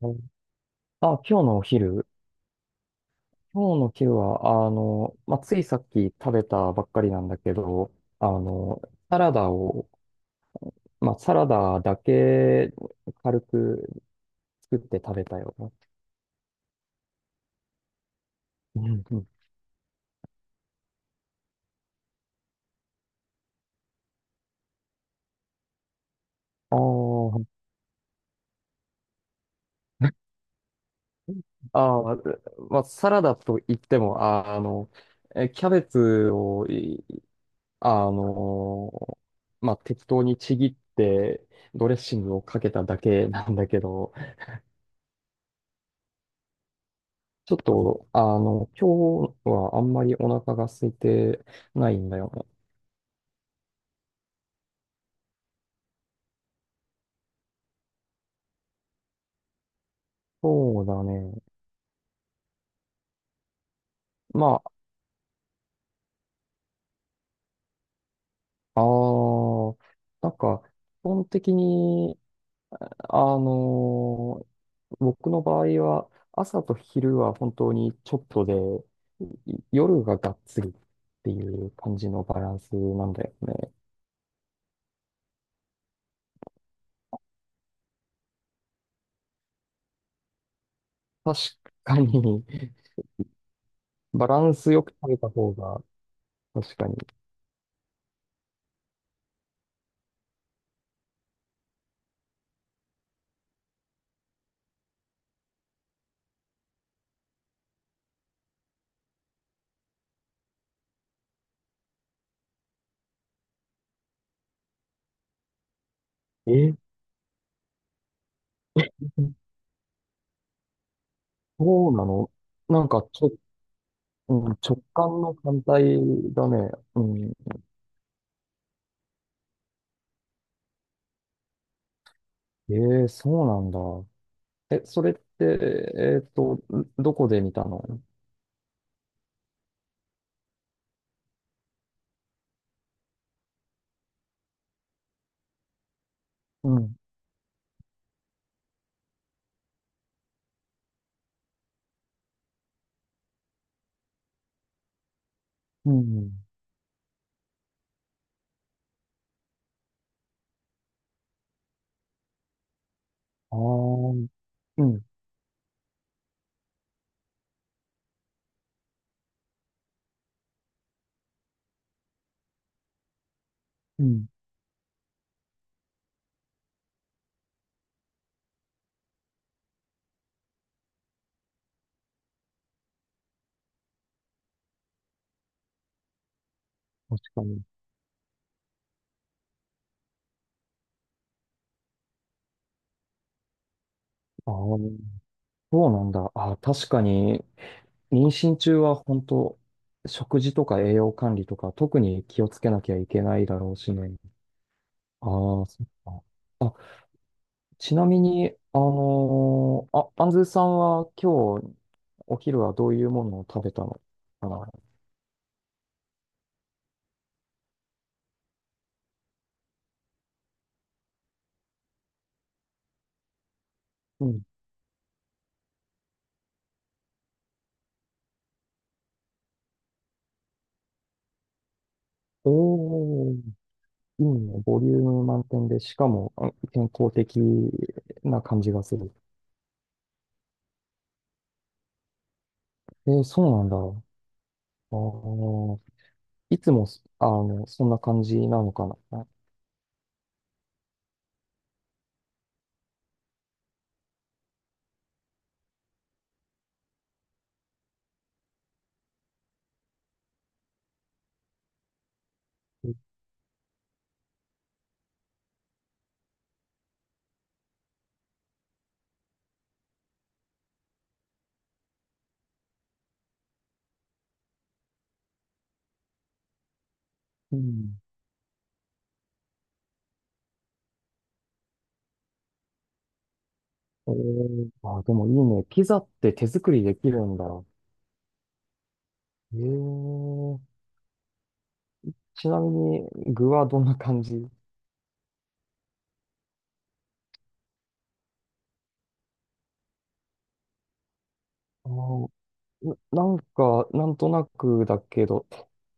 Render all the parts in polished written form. はい。あ、今日のお昼。今日のお昼は、まあ、ついさっき食べたばっかりなんだけど、あの、サラダを、まあ、サラダだけ軽く作って食べたよ。うんうん。あーあー、まあ、サラダといっても、キャベツをい、あの、まあ、適当にちぎって、ドレッシングをかけただけなんだけど、ちょっと、今日はあんまりお腹が空いてないんだよね。そうだね。まあ、なんか、基本的に、あのー僕の場合は、朝と昼は本当にちょっとで、夜ががっつりっていう感じのバランスなんだよね。確かに、バランスよく食べた方が、確かに。え、そうなの？なんかちょっうん、直感の反対だね。うん。ええ、そうなんだ。え、それって、どこで見たの？うん。うん。ああ、うん。うん。確かに。ああ、そうなんだ。ああ、確かに、妊娠中は本当、食事とか栄養管理とか、特に気をつけなきゃいけないだろうしね。ああ、そっか。あ、ちなみに、あ、アンズさんは今日お昼はどういうものを食べたのかな？うん。おー、いいね。ボリューム満点で、しかも健康的な感じがする。そうなんだ。ーいつもそ、あの、そんな感じなのかな。うん。でもいいね。ピザって手作りできるんだ。えー、ちなみに具はどんな感じ？ああー、なんか、なんとなくだけど、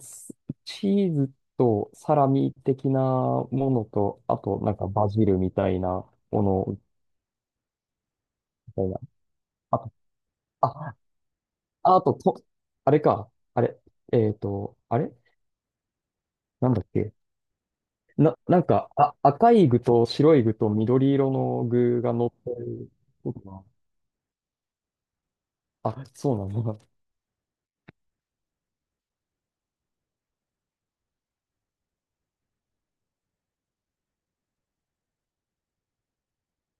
スチーズとサラミ的なものと、あと、なんかバジルみたいなものみたいな。あと、あ、ああと、と、あれか。あれ。あれなんだっけ。なんか、あ、赤い具と白い具と緑色の具が乗ってることが。あ、そうなの。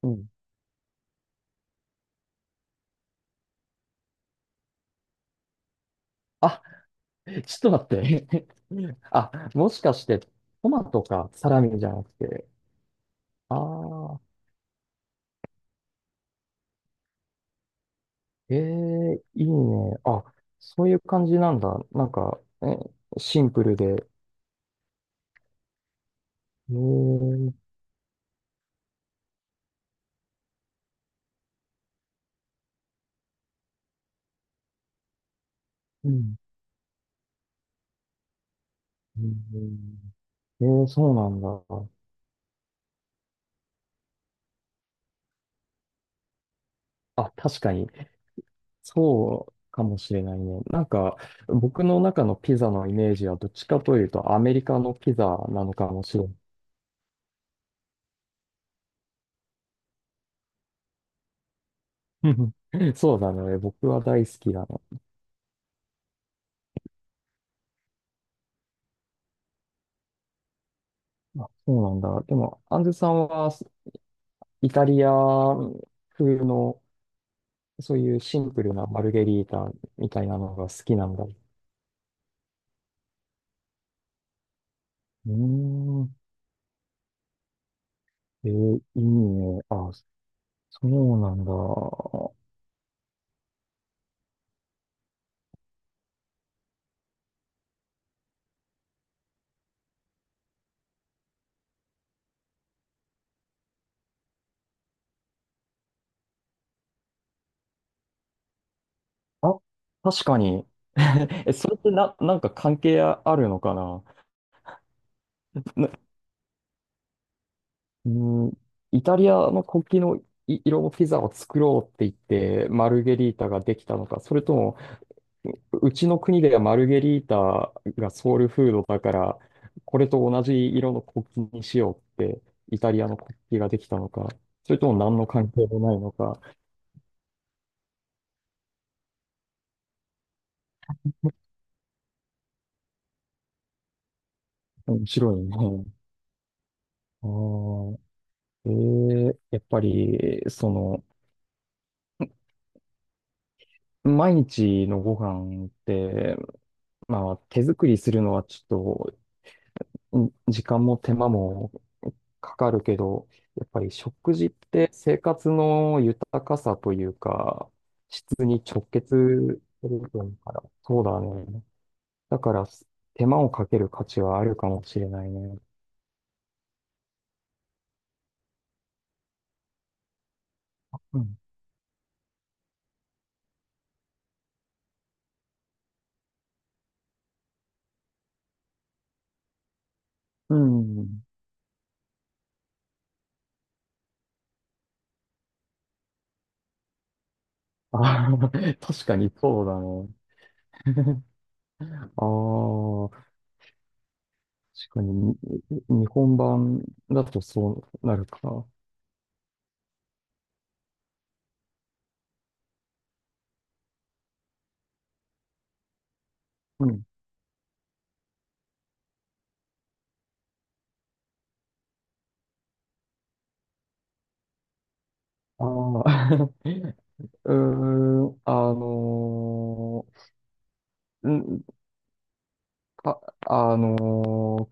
うん。あ、ちょっと待って。あ、もしかして、トマトか、サラミじゃなくて。ああ。ええ、いいね。あ、そういう感じなんだ。なんか、シンプルで。ええ。うんうん。ええ、そうなんだ。あ、確かに。そうかもしれないね。なんか、僕の中のピザのイメージはどっちかというとアメリカのピザなのかもしれない。そうだね。僕は大好きだね。あ、そうなんだ。でも、アンズさんはイタリア風のそういうシンプルなマルゲリータみたいなのが好きなんだ。うーん。いいね。あ、そうなんだ。あ、確かに。え、それってなんか関係あるのかな、な、うーん、イタリアの国旗の色のピザを作ろうって言って、マルゲリータができたのか、それとも、うちの国ではマルゲリータがソウルフードだから、これと同じ色の国旗にしようって、イタリアの国旗ができたのか、それとも何の関係もないのか、面白いね。あーやっぱり、毎日のご飯って、まあ、手作りするのはちょっと、時間も手間もかかるけど、やっぱり食事って生活の豊かさというか、質に直結すると思うから、そうだね。だから、手間をかける価値はあるかもしれないね。うん。うん。あー 確かにそうだね。ああ、確かに、日本版だとそうなるかな。うん。ああ、うーん、あのーんか、あの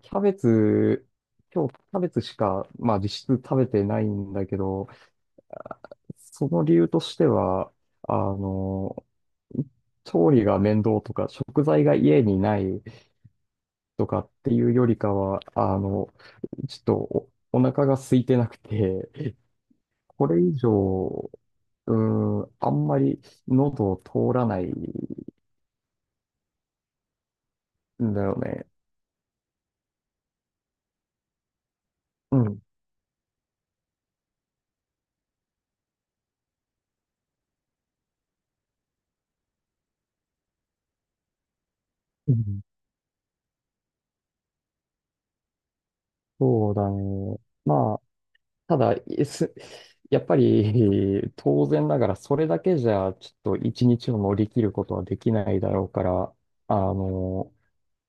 ーキャベツ、今日キャベツしか、まあ実質食べてないんだけど、その理由としては、あのー調理が面倒とか、食材が家にないとかっていうよりかは、ちょっとお腹が空いてなくて、これ以上、うん、あんまり喉を通らないんだよね。うん。うん。そうだね。まあ、ただ、やっぱり 当然ながらそれだけじゃちょっと一日を乗り切ることはできないだろうから、あの、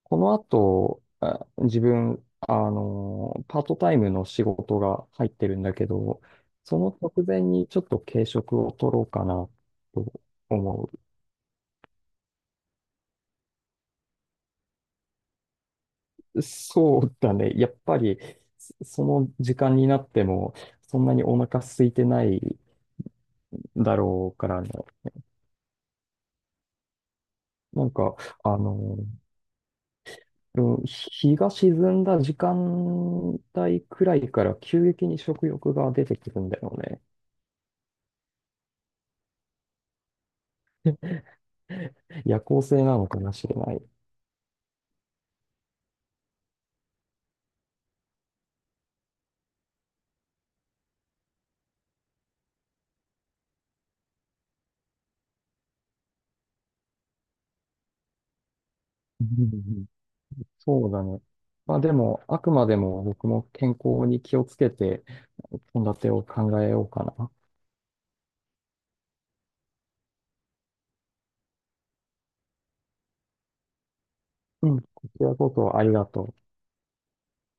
この後、あ自分、あの、パートタイムの仕事が入ってるんだけど、その直前にちょっと軽食を取ろうかなと思う。そうだね。やっぱりその時間になってもそんなにお腹空いてないだろうからね。なんか、あのうん日が沈んだ時間帯くらいから急激に食欲が出てくるんだよね。夜行性なのかもしれない。うんうんうん。そうだね。まあでも、あくまでも僕も健康に気をつけて、献立を考えようかな。うん。こちらこそありがとう。